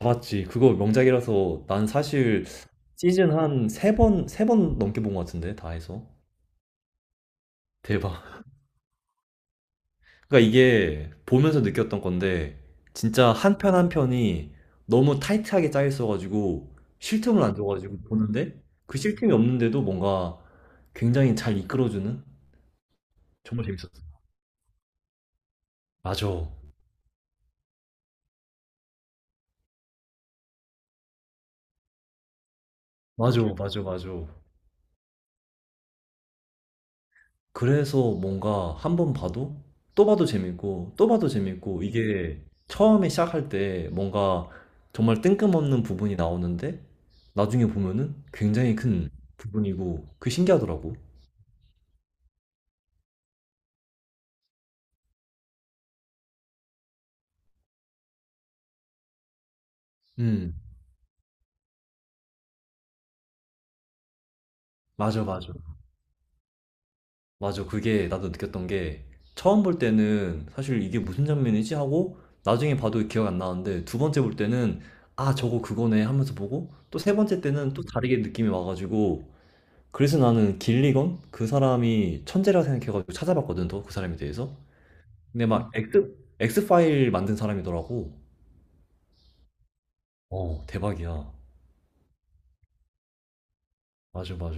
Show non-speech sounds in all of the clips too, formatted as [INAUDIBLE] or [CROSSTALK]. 봤지. 그거 명작이라서 난 사실 시즌 한 세 번 넘게 본 것 같은데, 다 해서. 대박. 그러니까 이게 보면서 느꼈던 건데, 진짜 한 편 한 편이 너무 타이트하게 짜여 있어가지고, 쉴 틈을 안 줘가지고 보는데, 그 쉴 틈이 없는데도 뭔가 굉장히 잘 이끌어주는? 정말 재밌었어. 맞아. 맞아, 맞아, 맞아. 그래서 뭔가 한번 봐도 또 봐도 재밌고 또 봐도 재밌고 이게 처음에 시작할 때 뭔가 정말 뜬금없는 부분이 나오는데 나중에 보면은 굉장히 큰 부분이고 그게 신기하더라고. 음, 맞아, 맞아. 맞아. 그게 나도 느꼈던 게 처음 볼 때는 사실 이게 무슨 장면이지 하고 나중에 봐도 기억 안 나는데 두 번째 볼 때는 아, 저거 그거네 하면서 보고 또 세 번째 때는 또 다르게 느낌이 와가지고, 그래서 나는 길리건 그 사람이 천재라 생각해가지고 찾아봤거든, 더 그 사람에 대해서. 근데 막 엑스 파일 만든 사람이더라고. 어, 대박이야. 맞아, 맞아,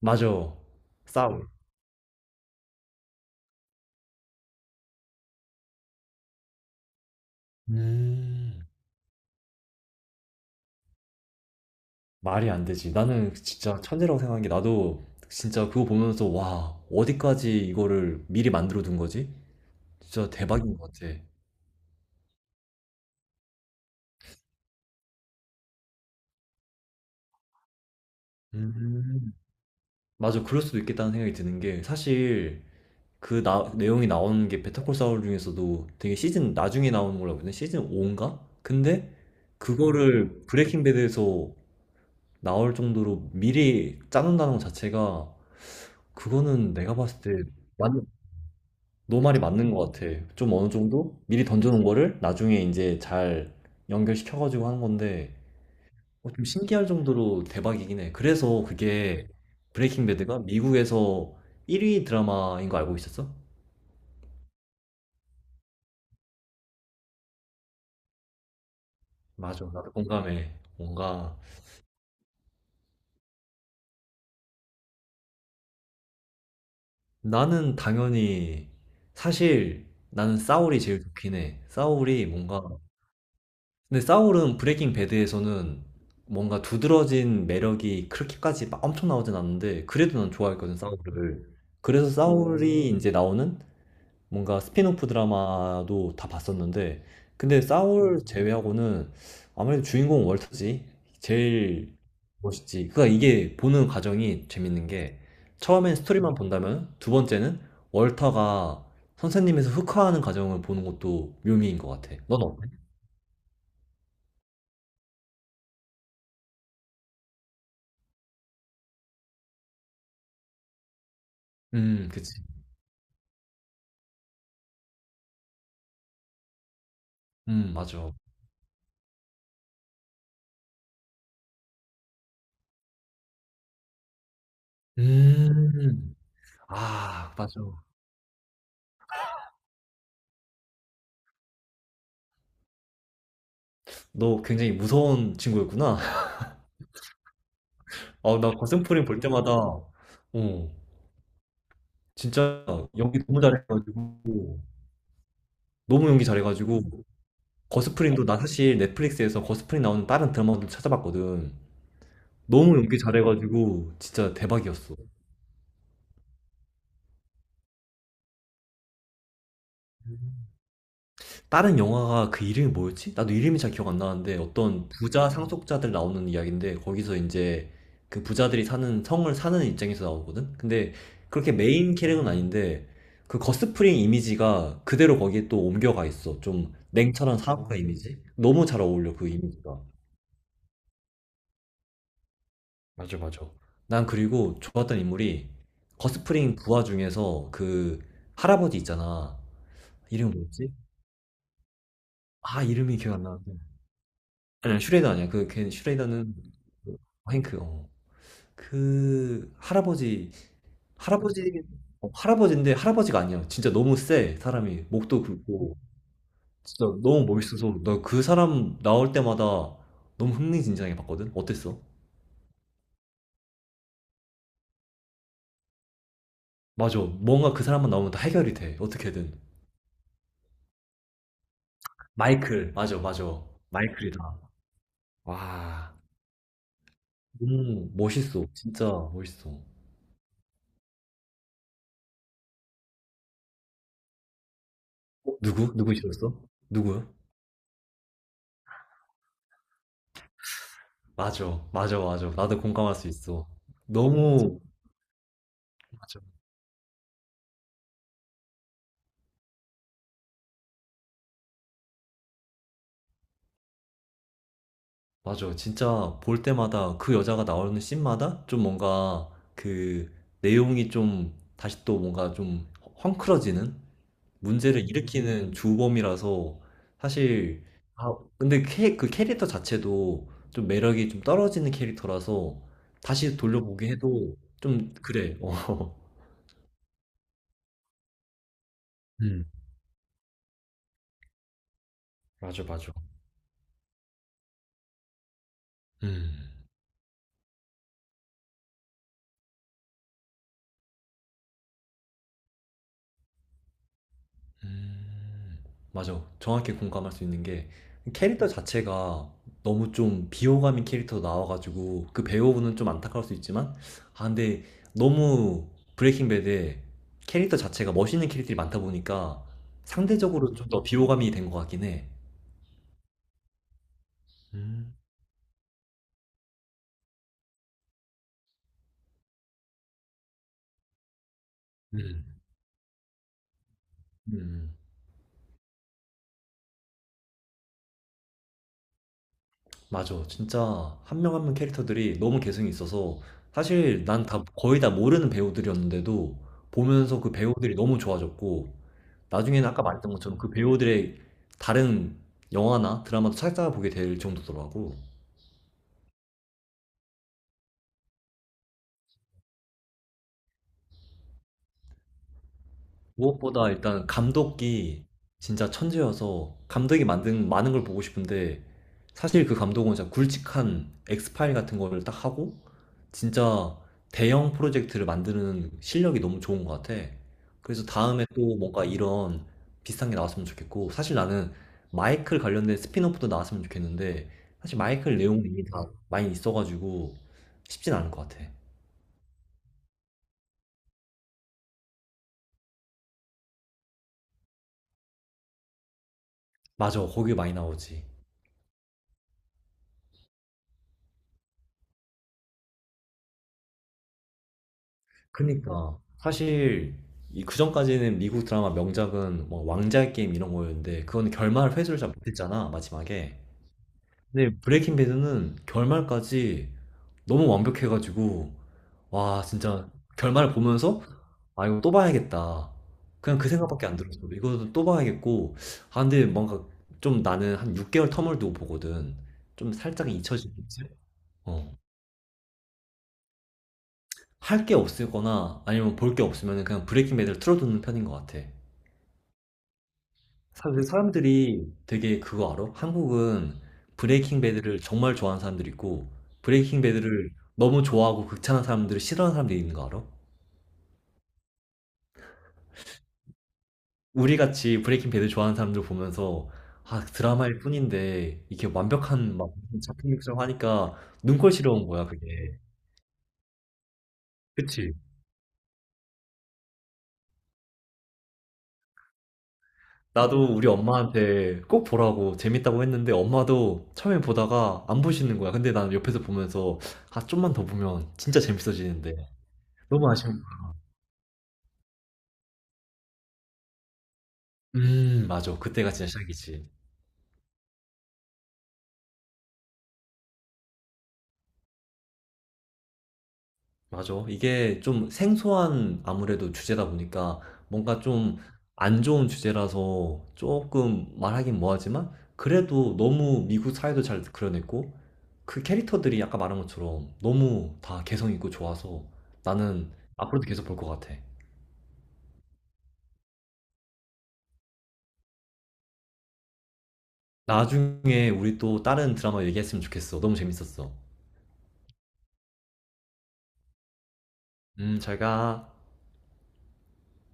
맞아. 싸울. 음. 말이 안 되지. 나는 진짜 천재라고 생각한 게, 나도 진짜 그거 보면서 와, 어디까지 이거를 미리 만들어 둔 거지. 진짜 대박인 것 같아. 음, 맞아. 그럴 수도 있겠다는 생각이 드는 게, 사실 내용이 나오는 게 베타콜 사울 중에서도 되게 시즌 나중에 나오는 걸로 알고 있는데, 시즌 5인가? 근데 그거를 브레이킹 배드에서 나올 정도로 미리 짜놓는다는 것 자체가, 그거는 내가 봤을 때 맞, 너 말이 맞는 것 같아. 좀 어느 정도 미리 던져놓은 거를 나중에 이제 잘 연결시켜가지고 하는 건데, 어, 좀 신기할 정도로 대박이긴 해. 그래서 그게, 브레이킹 배드가 미국에서 1위 드라마인 거 알고 있었어? 맞아, 나도 공감해. 뭔가, 나는 당연히, 사실 나는 싸울이 제일 좋긴 해. 싸울이 뭔가, 근데 싸울은 브레이킹 배드에서는 뭔가 두드러진 매력이 그렇게까지 막 엄청 나오진 않는데, 그래도 난 좋아했거든 싸울을. 그래서 싸울이 이제 나오는 뭔가 스핀오프 드라마도 다 봤었는데, 근데 사울 제외하고는 아무래도 주인공 월터지. 제일 멋있지. 그러니까 이게 보는 과정이 재밌는 게, 처음엔 스토리만 본다면, 두 번째는 월터가 선생님에서 흑화하는 과정을 보는 것도 묘미인 것 같아. 넌 어때? 그치. 맞아. 음, 아, 맞아. 너 굉장히 무서운 친구였구나. [LAUGHS] 아, 나 거센 프림 볼 때마다, 어, 진짜 연기 너무 잘해가지고, 너무 연기 잘해가지고 거스프링도, 나 사실 넷플릭스에서 거스프링 나오는 다른 드라마도 찾아봤거든. 너무 연기 잘해가지고 진짜 대박이었어. 다른 영화가, 그 이름이 뭐였지? 나도 이름이 잘 기억 안 나는데, 어떤 부자 상속자들 나오는 이야기인데 거기서 이제 그 부자들이 사는 성을 사는 입장에서 나오거든. 근데 그렇게 메인 캐릭은 아닌데, 그 거스프링 이미지가 그대로 거기에 또 옮겨가 있어. 좀 냉철한 사업가 이미지? 너무 잘 어울려 그 이미지가. 맞아, 맞아. 난 그리고 좋았던 인물이 거스프링 부하 중에서 그 할아버지 있잖아. 이름이 뭐였지? 아, 이름이 기억 안 나는데. 아니야, 슈레더 아니야. 그, 걔 슈레더는, 그 행크, 어. 그 할아버지, 할아버지, 어, 할아버지인데 할아버지가 아니야. 진짜 너무 사람이. 목도 굵고. 진짜 너무 멋있어서, 나 그 사람 나올 때마다 너무 흥미진진하게 봤거든? 어땠어? 맞아. 뭔가 그 사람만 나오면 다 해결이 돼, 어떻게든. 마이클. 맞아, 맞아. 마이클이다. 와, 너무 멋있어. 진짜 멋있어. 어, 누구? 누구 싫었어? 누구. 맞아, 맞아, 맞아. 나도 공감할 수 있어. 너무, 맞아. 맞아. 진짜 볼 때마다 그 여자가 나오는 씬마다 좀 뭔가 그 내용이 좀 다시 또 뭔가 좀 헝클어지는? 문제를 일으키는 주범이라서. 사실, 아 근데 그 캐릭터 자체도 좀 매력이 좀 떨어지는 캐릭터라서 다시 돌려보기 해도 좀 그래. 어. [LAUGHS] 음. 맞아, 맞아. 음. 음, 맞아. 정확히 공감할 수 있는 게, 캐릭터 자체가 너무 좀 비호감인 캐릭터 나와가지고 그 배우분은 좀 안타까울 수 있지만, 아 근데 너무 브레이킹 배드에 캐릭터 자체가 멋있는 캐릭터들이 많다 보니까 상대적으로 좀 더 비호감이 된 것 같긴 해. 음, 음, 음. 맞아. 진짜 한명한명 캐릭터들이 너무 개성이 있어서, 사실 난 다 거의 다 모르는 배우들이었는데도 보면서 그 배우들이 너무 좋아졌고, 나중에는 아까 말했던 것처럼 그 배우들의 다른 영화나 드라마도 찾아보게 될 정도더라고. 무엇보다 일단 감독이 진짜 천재여서 감독이 만든 많은 걸 보고 싶은데, 사실 그 감독은 진짜 굵직한 엑스파일 같은 거를 딱 하고 진짜 대형 프로젝트를 만드는 실력이 너무 좋은 것 같아. 그래서 다음에 또 뭔가 이런 비슷한 게 나왔으면 좋겠고, 사실 나는 마이클 관련된 스핀오프도 나왔으면 좋겠는데, 사실 마이클 내용이 이미 다 많이 있어가지고 쉽진 않을 것 같아. 맞아, 거기 많이 나오지. 그니까 사실 이 그전까지는 미국 드라마 명작은 뭐 왕자의 게임 이런 거였는데, 그건 결말 회수를 잘 못했잖아 마지막에. 근데 브레이킹 배드는 결말까지 너무 완벽해가지고, 와 진짜 결말을 보면서 아 이거 또 봐야겠다 그냥 그 생각밖에 안 들었어. 이거 또 봐야겠고. 아 근데 뭔가 좀, 나는 한 6개월 텀을 두고 보거든. 좀 살짝 잊혀지겠지? 어. 할 게 없거나 아니면 볼 게 없으면 그냥 브레이킹 배드를 틀어두는 편인 것 같아. 사실 사람들이, 되게 그거 알아? 한국은 브레이킹 배드를 정말 좋아하는 사람들이 있고, 브레이킹 배드를 너무 좋아하고 극찬하는 사람들을 싫어하는 사람들이 있는 거 알아? 우리 같이 브레이킹 배드 좋아하는 사람들 보면서 아 드라마일 뿐인데 이렇게 완벽한 막 작품 육성 하니까 눈꼴 싫어온 거야 그게. 그치? 나도 우리 엄마한테 꼭 보라고 재밌다고 했는데, 엄마도 처음에 보다가 안 보시는 거야. 근데 난 옆에서 보면서 아 좀만 더 보면 진짜 재밌어지는데. 너무 아쉬운. 음, 맞아. 그때가 진짜 시작이지. 맞아. 이게 좀 생소한 아무래도 주제다 보니까 뭔가 좀 안 좋은 주제라서 조금 말하긴 뭐하지만, 그래도 너무 미국 사회도 잘 그려냈고 그 캐릭터들이 아까 말한 것처럼 너무 다 개성 있고 좋아서 나는 앞으로도 계속 볼 것 같아. 나중에 우리 또 다른 드라마 얘기했으면 좋겠어. 너무 재밌었어. 잘 가.